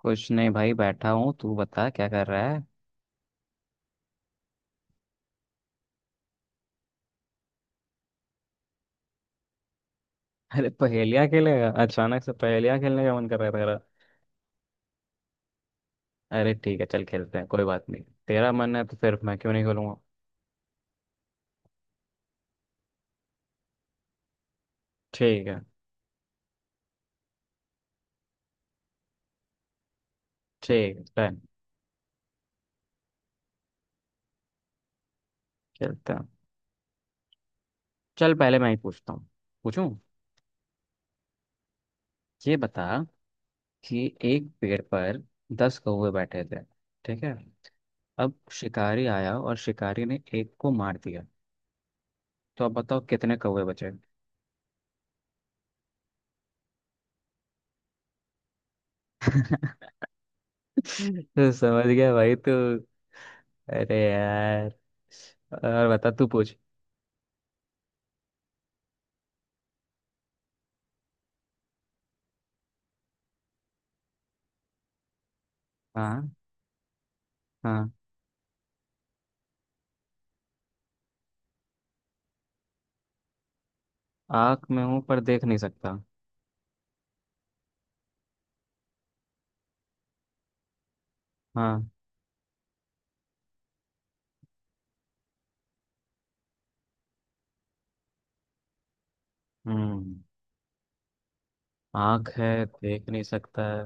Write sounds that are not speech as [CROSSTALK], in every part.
कुछ नहीं भाई बैठा हूँ। तू बता क्या कर रहा है। अरे पहेलियाँ खेलेगा? अचानक से पहेलियाँ खेलने का मन कर रहा है तेरा? अरे ठीक है चल खेलते हैं, कोई बात नहीं। तेरा मन है तो फिर मैं क्यों नहीं खेलूंगा। ठीक है। ठीक है, डन। खेलते हैं। चल पहले मैं ही पूछता हूँ। पूछूं? ये बता कि एक पेड़ पर 10 कौवे बैठे थे, ठीक है। अब शिकारी आया और शिकारी ने एक को मार दिया, तो अब बताओ कितने कौवे बचे। [LAUGHS] तो समझ गया भाई तू। अरे यार। और बता, तू पूछ। हाँ हाँ। आँख में हूँ पर देख नहीं सकता। हाँ। हम्म। आँख है, देख नहीं सकता है।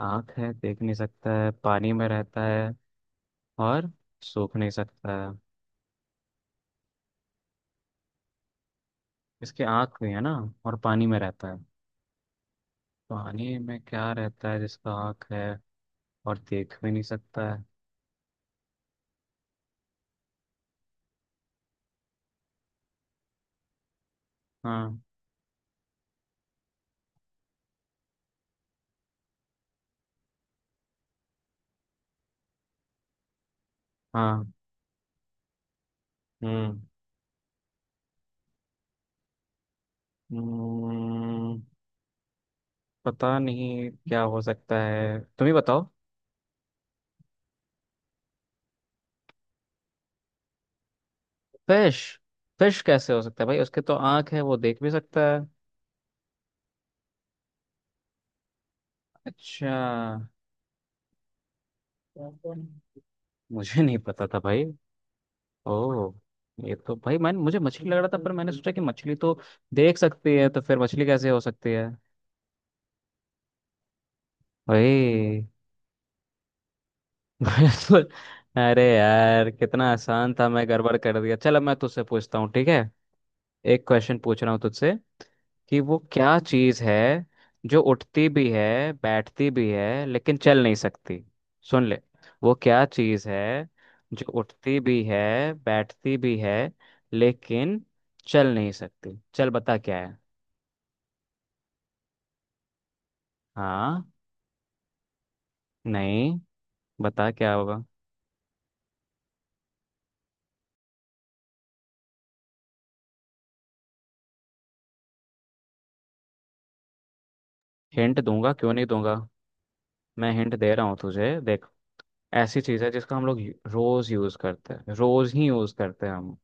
आँख है, देख नहीं सकता है, पानी में रहता है और सूख नहीं सकता है। इसके आँख भी है ना, और पानी में रहता है। पानी में क्या रहता है जिसका आँख है, और देख भी नहीं सकता है? हाँ। हाँ। हम्म। हम्म, पता नहीं क्या हो सकता है, तुम ही बताओ। फिश। फिश कैसे हो सकता है भाई, उसके तो आंख है, वो देख भी सकता है। अच्छा। मुझे नहीं पता था भाई। ओ। ये तो भाई मैंने, मुझे मछली लग रहा था, पर मैंने सोचा कि मछली तो देख सकती है, तो फिर मछली कैसे हो सकती है। भाई। [LAUGHS] बिल्कुल। अरे यार कितना आसान था, मैं गड़बड़ कर दिया। चलो मैं तुझसे पूछता हूँ, ठीक है? एक क्वेश्चन पूछ रहा हूँ तुझसे, कि वो क्या चीज है जो उठती भी है बैठती भी है लेकिन चल नहीं सकती। सुन ले। वो क्या चीज है जो उठती भी है, बैठती भी है, लेकिन चल नहीं सकती? चल बता क्या है। हाँ। नहीं। बता क्या होगा। हिंट दूंगा, क्यों नहीं दूंगा। मैं हिंट दे रहा हूँ तुझे, देख। ऐसी चीज है जिसका हम लोग रोज यूज करते हैं, रोज ही यूज करते हैं हम।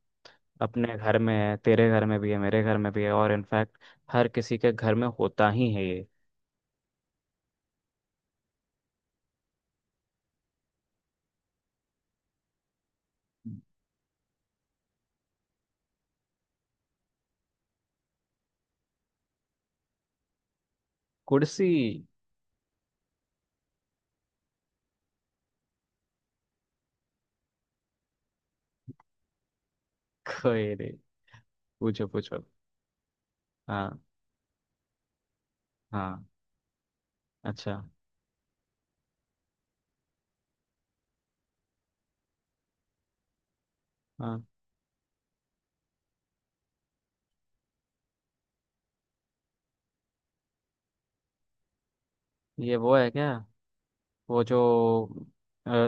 अपने घर में है, तेरे घर में भी है, मेरे घर में भी है, और इनफैक्ट हर किसी के घर में होता ही है ये। कुर्सी। कोई नहीं। पूछो पूछो। हाँ। हाँ। अच्छा। हाँ। ये वो है क्या, वो जो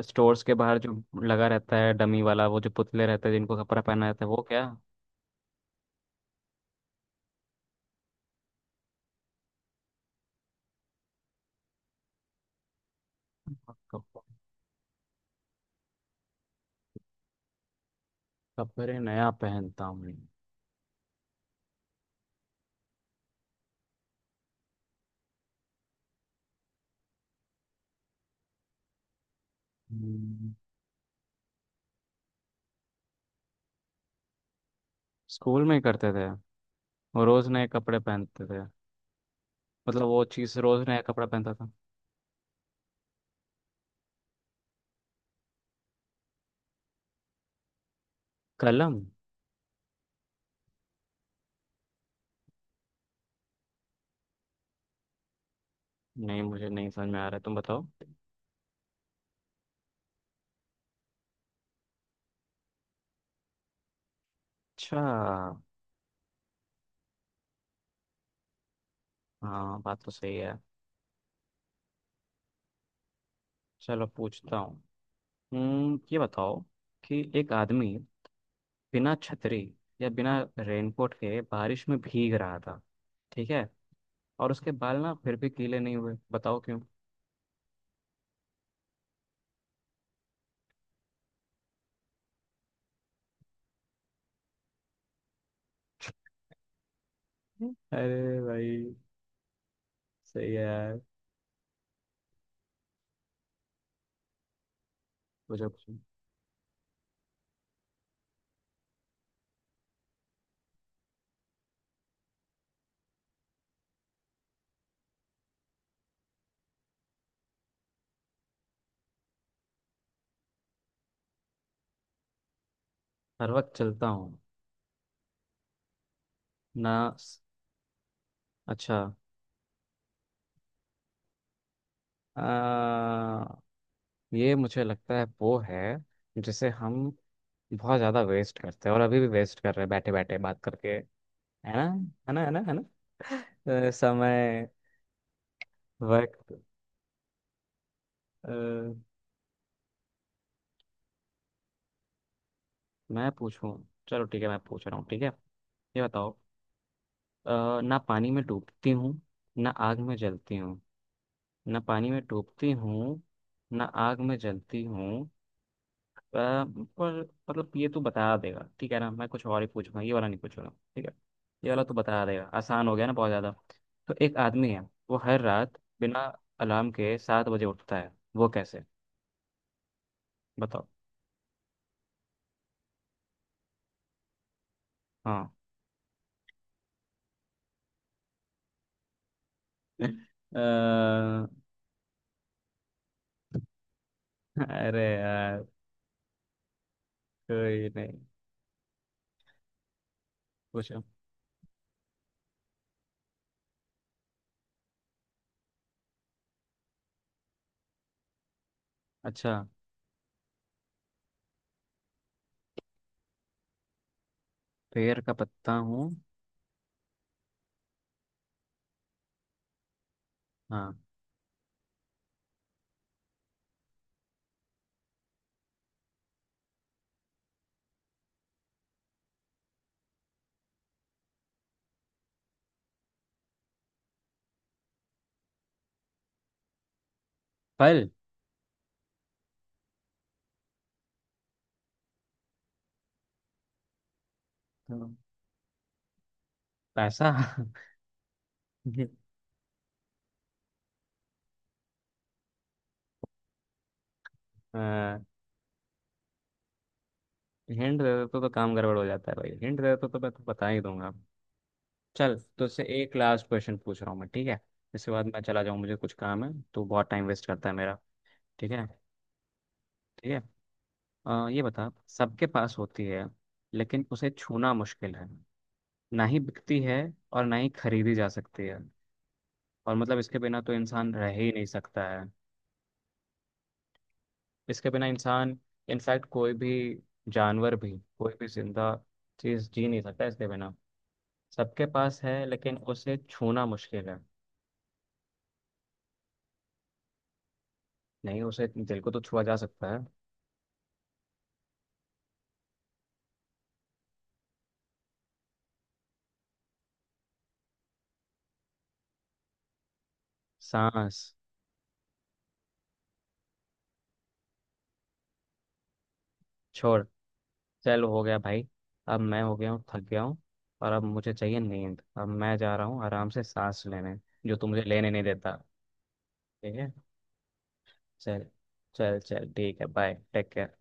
स्टोर्स के बाहर जो लगा रहता है, डमी वाला, वो जो पुतले रहते हैं जिनको कपड़ा पहना रहता है, वो क्या? कप- कपड़े नया पहनता हूँ। हम्म, स्कूल में ही करते थे। वो रोज नए कपड़े पहनते थे, मतलब वो चीज रोज नया कपड़ा पहनता था। कलम। नहीं मुझे नहीं समझ में आ रहा है, तुम बताओ। अच्छा। हाँ, बात तो सही है। चलो पूछता हूँ। हम्म। ये बताओ कि एक आदमी बिना छतरी या बिना रेनकोट के बारिश में भीग रहा था, ठीक है। और उसके बाल ना फिर भी गीले नहीं हुए, बताओ क्यों। [LAUGHS] अरे भाई। सही है यार। पूछो पूछो। हर वक्त चलता हूँ ना। अच्छा। आ, ये मुझे लगता है वो है जिसे हम बहुत ज्यादा वेस्ट करते हैं, और अभी भी वेस्ट कर रहे हैं बैठे बैठे बात करके। है ना? है ना है ना है ना, समय। वक्त। अ, मैं पूछूं? चलो ठीक है, मैं पूछ रहा हूँ, ठीक है। ये बताओ। ना पानी में डूबती हूँ, ना आग में जलती हूँ। ना पानी में डूबती हूँ, ना आग में जलती हूँ। पर मतलब ये तू बता देगा, ठीक है ना? मैं कुछ और ही पूछूंगा, ये वाला नहीं पूछूंगा। ठीक है। ये वाला तू बता देगा, आसान हो गया ना बहुत ज्यादा। तो एक आदमी है, वो हर रात बिना अलार्म के 7 बजे उठता है, वो कैसे? बताओ। हाँ। [LAUGHS] अ, अरे यार। कोई नहीं। पूछो। अच्छा। पेड़ का पत्ता हूँ। हाँ। फल। तो पैसा। [LAUGHS] हिंट दे देते तो काम गड़बड़ हो जाता है भाई, हिंट दे देते तो मैं तो बता ही दूंगा। चल, तो इससे एक लास्ट क्वेश्चन पूछ रहा हूँ मैं, ठीक है? इसके बाद मैं चला जाऊँ, मुझे कुछ काम है, तो बहुत टाइम वेस्ट करता है मेरा। ठीक है। ठीक है। ये बता, सबके पास होती है लेकिन उसे छूना मुश्किल है, ना ही बिकती है और ना ही खरीदी जा सकती है। और मतलब इसके बिना तो इंसान रह ही नहीं सकता है। इसके बिना इंसान, इनफैक्ट कोई भी जानवर भी, कोई भी जिंदा चीज जी नहीं सकता इसके बिना। सबके पास है लेकिन उसे छूना मुश्किल है। नहीं उसे, दिल को तो छुआ जा सकता है। सांस। छोड़। चल हो गया भाई। अब मैं हो गया हूँ, थक गया हूँ। और अब मुझे चाहिए नींद, अब मैं जा रहा हूँ आराम से सांस लेने। जो तू मुझे लेने नहीं देता। ठीक है। चल। चल चल ठीक है, बाय टेक केयर।